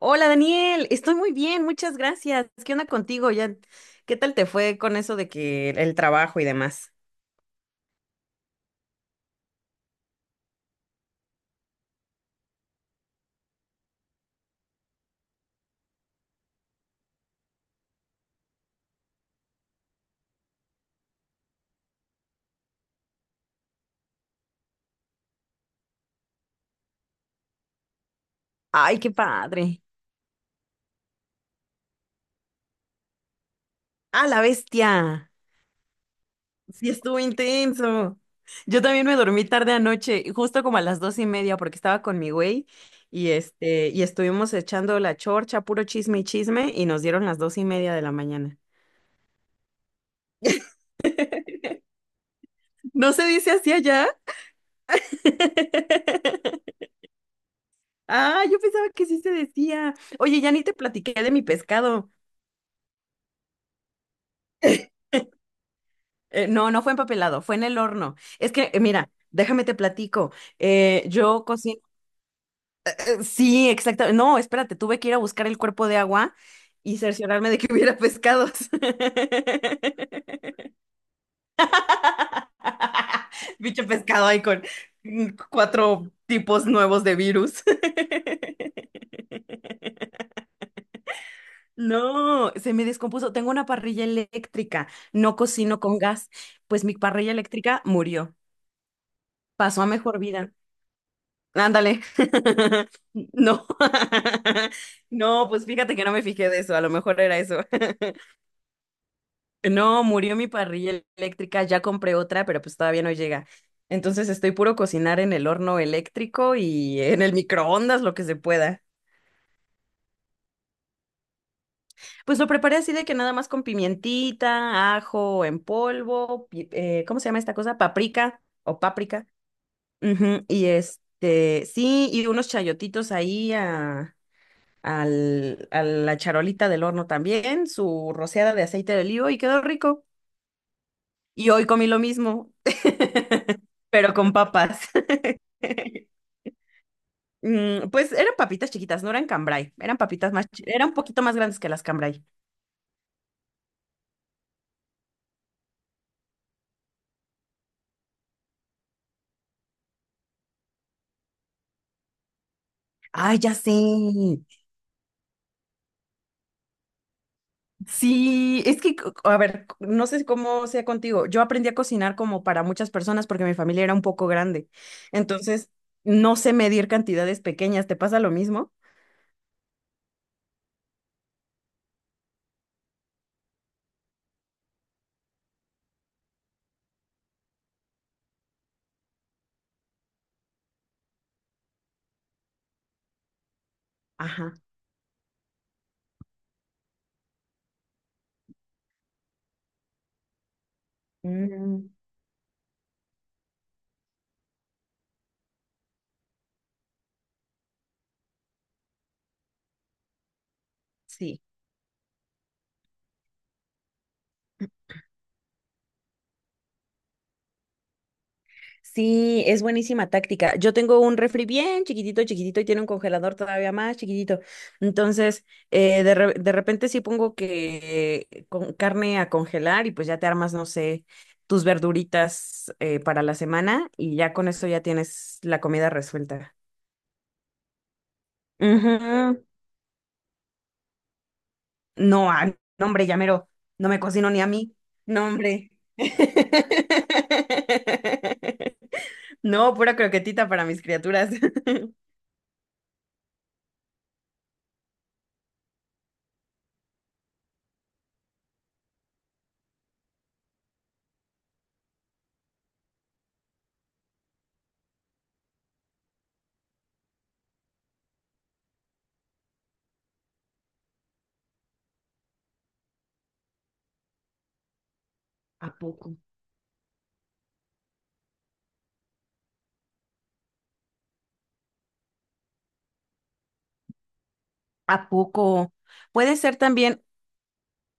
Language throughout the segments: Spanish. Hola Daniel, estoy muy bien, muchas gracias. ¿Qué onda contigo? Ya, ¿qué tal te fue con eso de que el trabajo y demás? Ay, qué padre. Ah, la bestia. Sí, estuvo intenso. Yo también me dormí tarde anoche, justo como a las 2:30, porque estaba con mi güey y estuvimos echando la chorcha, puro chisme y chisme, y nos dieron las 2:30 de la mañana. ¿No se dice así allá? Ah, yo pensaba que sí se decía. Oye, ya ni te platiqué de mi pescado. No, no fue empapelado, fue en el horno. Es que, mira, déjame te platico. Yo cocino. Sí, exacto. No, espérate, tuve que ir a buscar el cuerpo de agua y cerciorarme de que hubiera pescados. Bicho pescado ahí con cuatro tipos nuevos de virus. No, se me descompuso. Tengo una parrilla eléctrica, no cocino con gas. Pues mi parrilla eléctrica murió, pasó a mejor vida. Ándale. No. No, pues fíjate que no me fijé de eso, a lo mejor era eso. No, murió mi parrilla eléctrica, ya compré otra, pero pues todavía no llega. Entonces estoy puro cocinar en el horno eléctrico y en el microondas, lo que se pueda. Pues lo preparé así de que nada más con pimientita, ajo en polvo, ¿cómo se llama esta cosa? Paprika o páprica. Ujú. Y sí, y unos chayotitos ahí a la charolita del horno también, su rociada de aceite de olivo y quedó rico. Y hoy comí lo mismo, pero con papas. Mm, pues eran papitas chiquitas, no eran cambray, eran papitas más, eran un poquito más grandes que las cambray. Ay, ya sé. Sí, es que, a ver, no sé cómo sea contigo. Yo aprendí a cocinar como para muchas personas porque mi familia era un poco grande. Entonces, no sé medir cantidades pequeñas. ¿Te pasa lo mismo? Ajá. Mm, sí. Sí, es buenísima táctica. Yo tengo un refri bien chiquitito, chiquitito y tiene un congelador todavía más chiquitito. Entonces, de repente sí pongo que con carne a congelar y pues ya te armas, no sé, tus verduritas para la semana y ya con eso ya tienes la comida resuelta. Ujú. No, no, hombre, ya mero, no me cocino ni a mí. No, hombre. No, pura croquetita para mis criaturas. ¿A poco? ¿A poco? Puede ser también,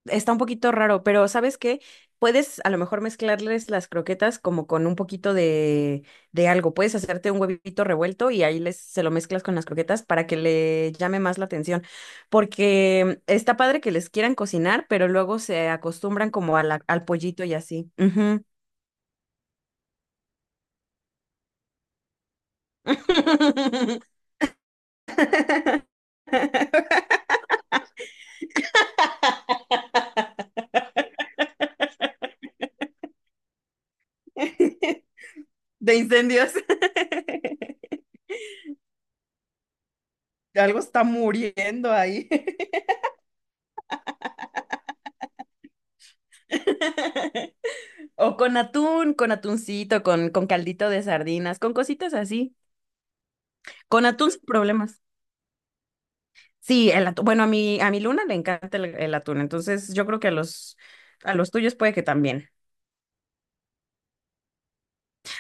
está un poquito raro, pero ¿sabes qué? Puedes a lo mejor mezclarles las croquetas como con un poquito de algo. Puedes hacerte un huevito revuelto y ahí les, se lo mezclas con las croquetas para que le llame más la atención. Porque está padre que les quieran cocinar, pero luego se acostumbran como al pollito y así. Ujú. De incendios. Algo está muriendo ahí. O con atún, con atuncito, con caldito de sardinas, con cositas así. Con atún sin problemas. Sí, el atún. Bueno, a mi Luna le encanta el atún, entonces yo creo que a los tuyos puede que también.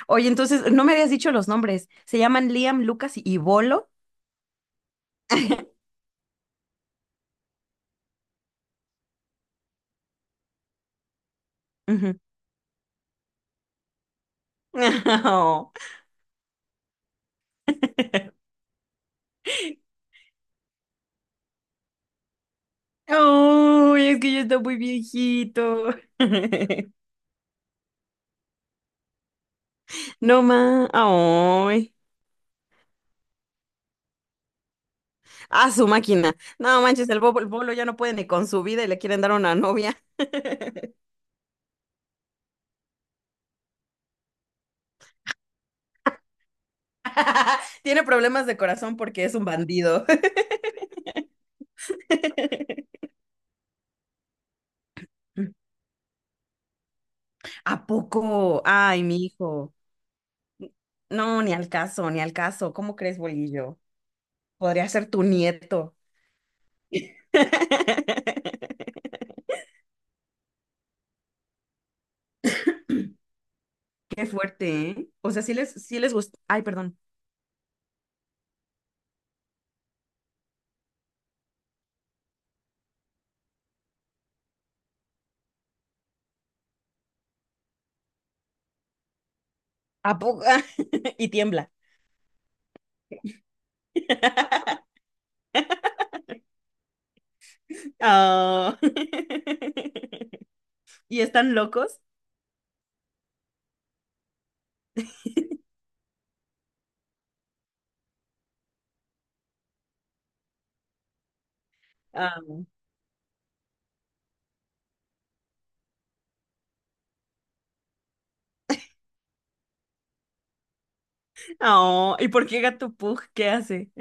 Oye, entonces, no me habías dicho los nombres. Se llaman Liam, Lucas y Bolo. Ujú. Oh. Ay, es que ya está muy viejito. No más. Ay. A su máquina. No manches, el bolo ya no puede ni con su vida y le quieren dar una novia. Tiene problemas de corazón porque es un bandido. ¿A poco? Ay, mi hijo. No, ni al caso, ni al caso. ¿Cómo crees, bolillo? Podría ser tu nieto. Qué fuerte, ¿eh? O sea, sí les gusta. Ay, perdón. ¿A poco? Y tiembla. Ah. ¿Y están locos? Ah. Oh, ¿y por qué Gato Pug? ¿Qué hace?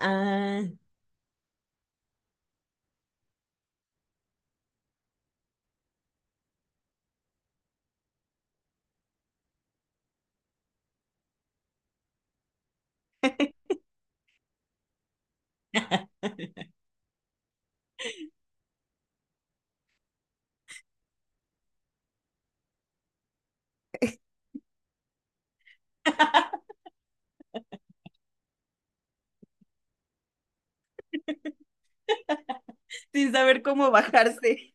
Ah. Sin saber cómo bajarse.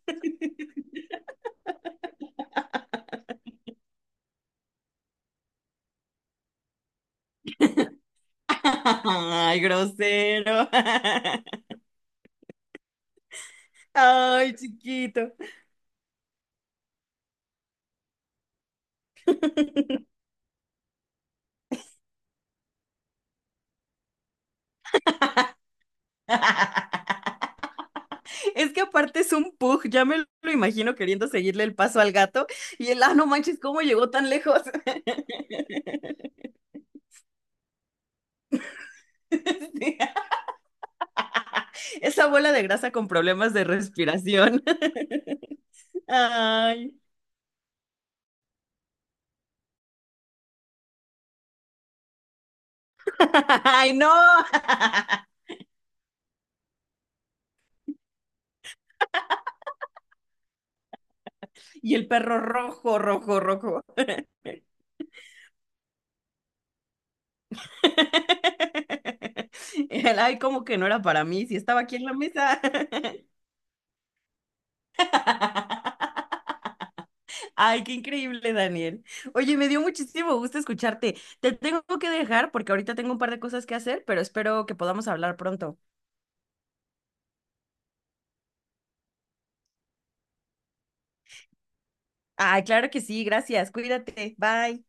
Ay, grosero. Ay, chiquito. Es que aparte es un pug, ya me lo imagino queriendo seguirle el paso al gato y no manches, ¿cómo llegó tan lejos? Sí, esa bola de grasa con problemas de respiración. Ay, ay, no. Y el perro rojo, rojo, rojo. Y él, ay, como que no era para mí, si estaba aquí en la mesa. Ay, qué increíble, Daniel. Oye, me dio muchísimo gusto escucharte. Te tengo que dejar porque ahorita tengo un par de cosas que hacer, pero espero que podamos hablar pronto. Ay, claro que sí, gracias. Cuídate. Bye.